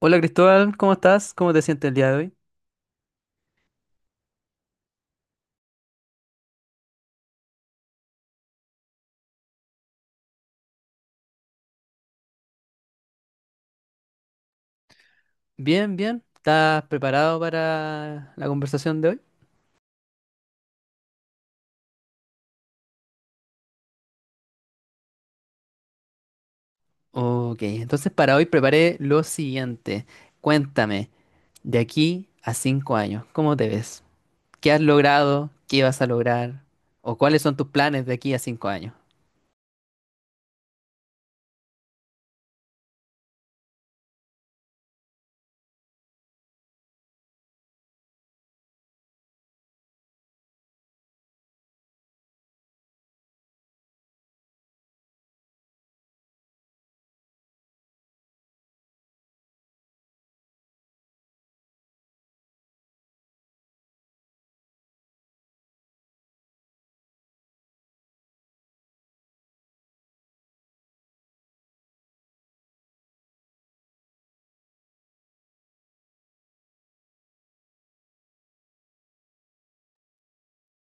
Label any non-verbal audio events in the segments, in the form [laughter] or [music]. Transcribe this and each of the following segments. Hola Cristóbal, ¿cómo estás? ¿Cómo te sientes el día de hoy? Bien, bien. ¿Estás preparado para la conversación de hoy? Ok, entonces para hoy preparé lo siguiente. Cuéntame, de aquí a 5 años, ¿cómo te ves? ¿Qué has logrado? ¿Qué vas a lograr? ¿O cuáles son tus planes de aquí a 5 años?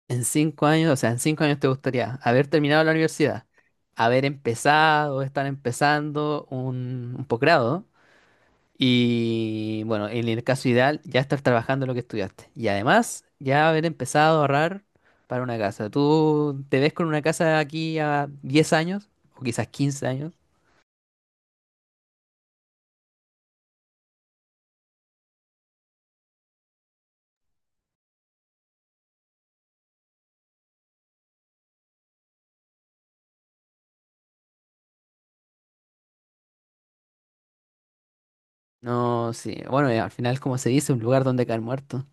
En 5 años, o sea, en 5 años te gustaría haber terminado la universidad, haber empezado, estar empezando un posgrado. Y bueno, en el caso ideal, ya estar trabajando en lo que estudiaste. Y además, ya haber empezado a ahorrar para una casa. ¿Tú te ves con una casa aquí a 10 años? O quizás 15 años. No, sí. Bueno, al final, como se dice, un lugar donde caer muerto.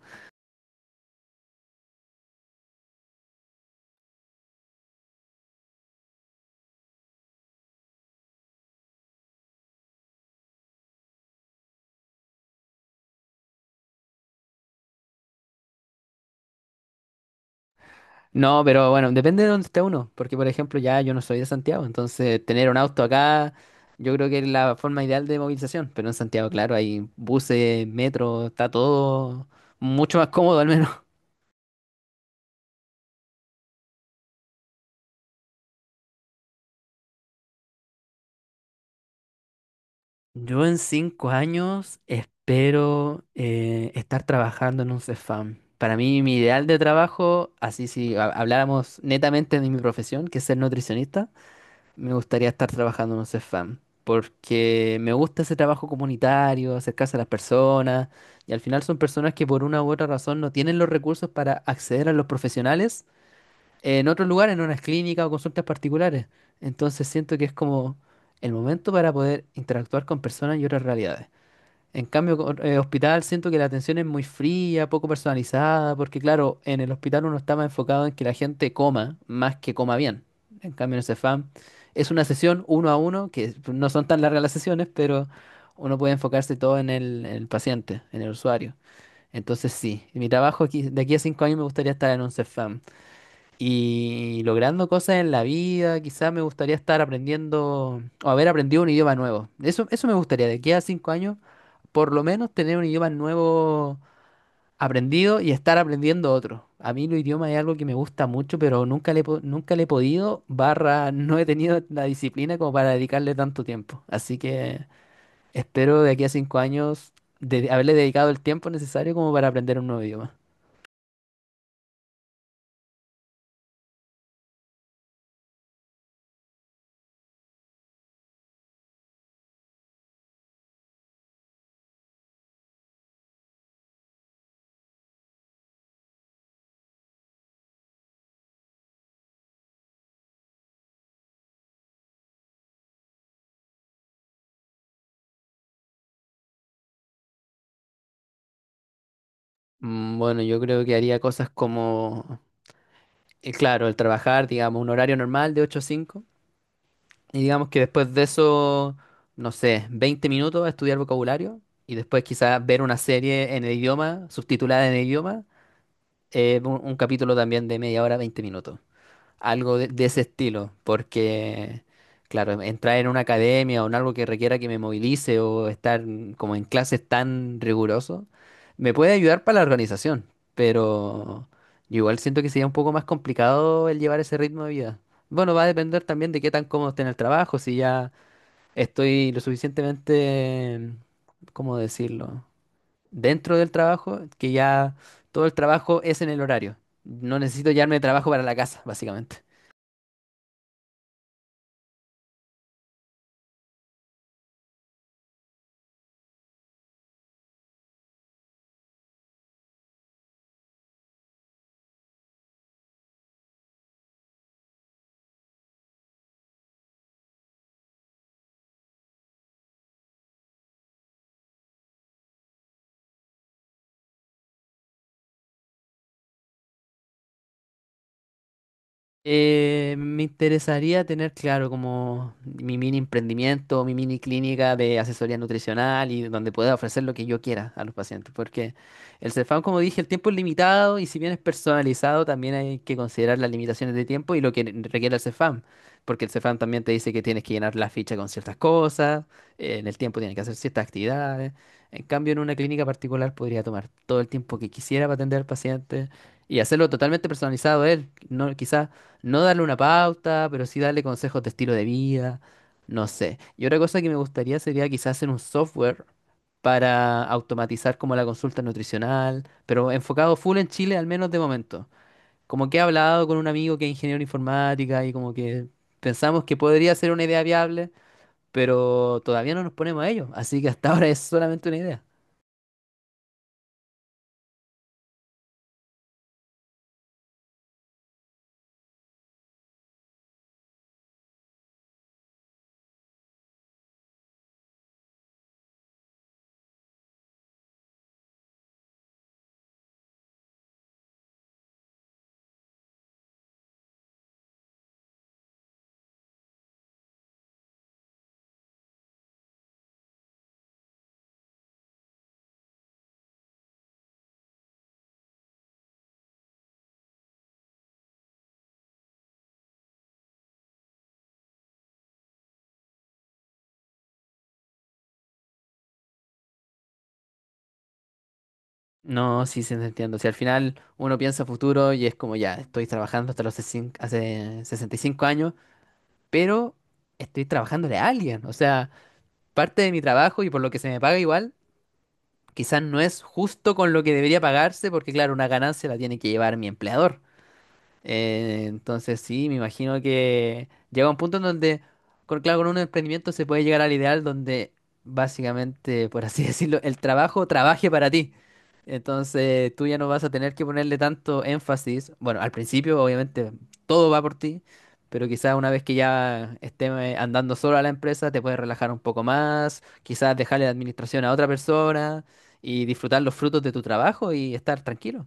No, pero bueno, depende de dónde esté uno. Porque, por ejemplo, ya yo no soy de Santiago. Entonces, tener un auto acá, yo creo que es la forma ideal de movilización. Pero en Santiago, claro, hay buses, metro, está todo mucho más cómodo al menos. Yo en 5 años espero estar trabajando en un Cefam. Para mí, mi ideal de trabajo, así si habláramos netamente de mi profesión, que es ser nutricionista, me gustaría estar trabajando en un Cefam. Porque me gusta ese trabajo comunitario, acercarse a las personas, y al final son personas que por una u otra razón no tienen los recursos para acceder a los profesionales en otros lugares, en unas clínicas o consultas particulares. Entonces siento que es como el momento para poder interactuar con personas y otras realidades. En cambio, hospital siento que la atención es muy fría, poco personalizada, porque claro, en el hospital uno está más enfocado en que la gente coma, más que coma bien. En cambio, en el Cefam es una sesión uno a uno, que no son tan largas las sesiones, pero uno puede enfocarse todo en en el paciente, en el usuario. Entonces sí, mi trabajo aquí, de aquí a 5 años me gustaría estar en un Cefam y logrando cosas en la vida. Quizás me gustaría estar aprendiendo o haber aprendido un idioma nuevo. Eso me gustaría, de aquí a 5 años, por lo menos tener un idioma nuevo aprendido y estar aprendiendo otro. A mí los idiomas es algo que me gusta mucho, pero nunca le he podido, barra, no he tenido [laughs] la disciplina como para dedicarle tanto tiempo. Así que espero de aquí a 5 años de haberle dedicado el tiempo necesario como para aprender un nuevo idioma. Mm, bueno, yo creo que haría cosas como claro, el trabajar, digamos, un horario normal de 8 a 5, y digamos que después de eso, no sé, 20 minutos a estudiar vocabulario, y después quizás ver una serie en el idioma, subtitulada en el idioma, un capítulo también de media hora, 20 minutos algo de ese estilo, porque, claro, entrar en una academia o en algo que requiera que me movilice o estar como en clases tan riguroso, me puede ayudar para la organización, pero yo igual siento que sería un poco más complicado el llevar ese ritmo de vida. Bueno, va a depender también de qué tan cómodo esté en el trabajo, si ya estoy lo suficientemente, ¿cómo decirlo? Dentro del trabajo, que ya todo el trabajo es en el horario. No necesito llevarme de trabajo para la casa, básicamente. Me interesaría tener claro como mi mini emprendimiento, mi mini clínica de asesoría nutricional y donde pueda ofrecer lo que yo quiera a los pacientes, porque el Cefam, como dije, el tiempo es limitado y si bien es personalizado, también hay que considerar las limitaciones de tiempo y lo que requiere el Cefam, porque el Cefam también te dice que tienes que llenar la ficha con ciertas cosas, en el tiempo tienes que hacer ciertas actividades. En cambio, en una clínica particular podría tomar todo el tiempo que quisiera para atender al paciente y hacerlo totalmente personalizado a él. No, quizás no darle una pauta, pero sí darle consejos de estilo de vida, no sé. Y otra cosa que me gustaría sería quizás hacer un software para automatizar como la consulta nutricional, pero enfocado full en Chile, al menos de momento. Como que he hablado con un amigo que es ingeniero de informática y como que pensamos que podría ser una idea viable, pero todavía no nos ponemos a ello, así que hasta [laughs] ahora es solamente una idea. No, sí, sí, te entiendo. Si al final uno piensa futuro y es como ya, estoy trabajando hasta los hace 65 años, pero estoy trabajándole a alguien. O sea, parte de mi trabajo y por lo que se me paga igual, quizás no es justo con lo que debería pagarse, porque claro, una ganancia la tiene que llevar mi empleador. Entonces sí, me imagino que llega un punto en donde, con, claro, con un emprendimiento se puede llegar al ideal donde básicamente, por así [laughs] decirlo, el trabajo trabaje para ti. Entonces tú ya no vas a tener que ponerle tanto énfasis. Bueno, al principio obviamente todo va por ti, pero quizás una vez que ya esté andando solo a la empresa te puedes relajar un poco más, quizás dejarle la administración a otra persona y disfrutar los frutos de tu trabajo y estar tranquilo.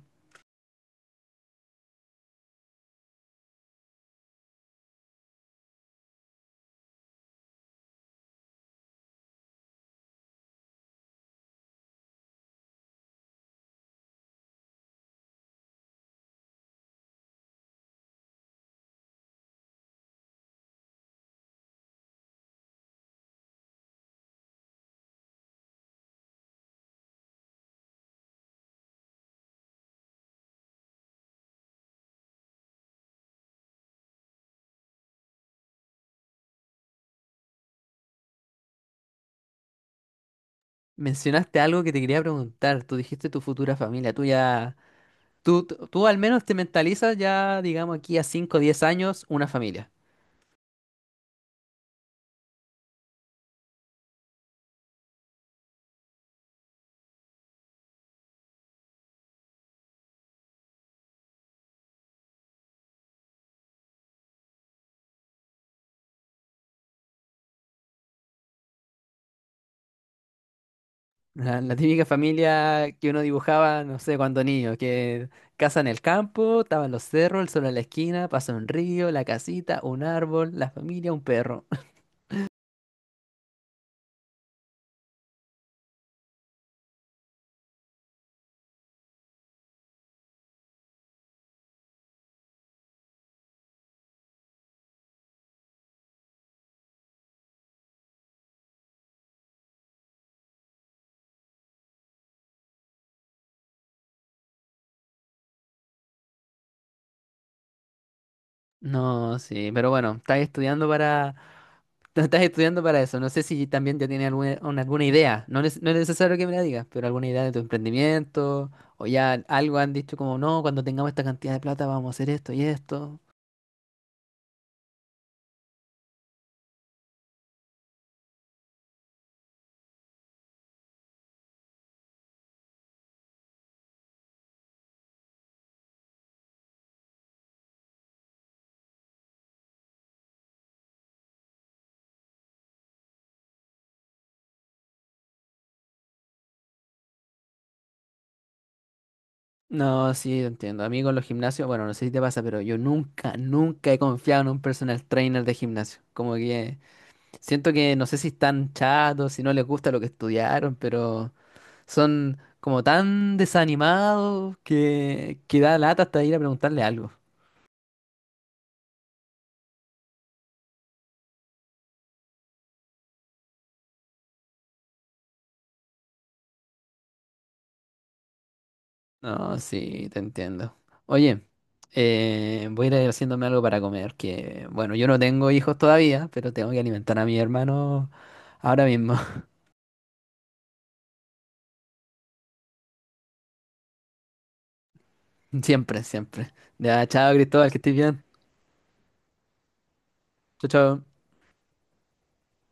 Mencionaste algo que te quería preguntar. Tú dijiste tu futura familia. Tú al menos te mentalizas ya, digamos, aquí a 5 o 10 años, una familia. La típica familia que uno dibujaba, no sé, cuando niño, que casa en el campo, estaban los cerros, el sol en la esquina, pasa un río, la casita, un árbol, la familia, un perro. [laughs] No, sí, pero bueno, estás estudiando para [laughs] Tú estás estudiando para eso. No sé si también ya tienes alguna idea. No, no es necesario que me la digas, pero alguna idea de tu emprendimiento. O ya algo han dicho como, no, cuando tengamos esta cantidad de plata vamos a hacer esto y esto. No, sí, yo entiendo. A mí con los gimnasios, bueno, no sé si te pasa, pero yo nunca, nunca he confiado en un personal trainer de gimnasio. Como que siento que no sé si están chatos, si no les gusta lo que estudiaron, pero son como tan desanimados que da lata hasta ir a preguntarle algo. No, sí, te entiendo. Oye, voy a ir haciéndome algo para comer, que bueno, yo no tengo hijos todavía, pero tengo que alimentar a mi hermano ahora mismo. [laughs] Siempre, siempre. Ya, chao, Cristóbal, que estés bien. Chao, chao.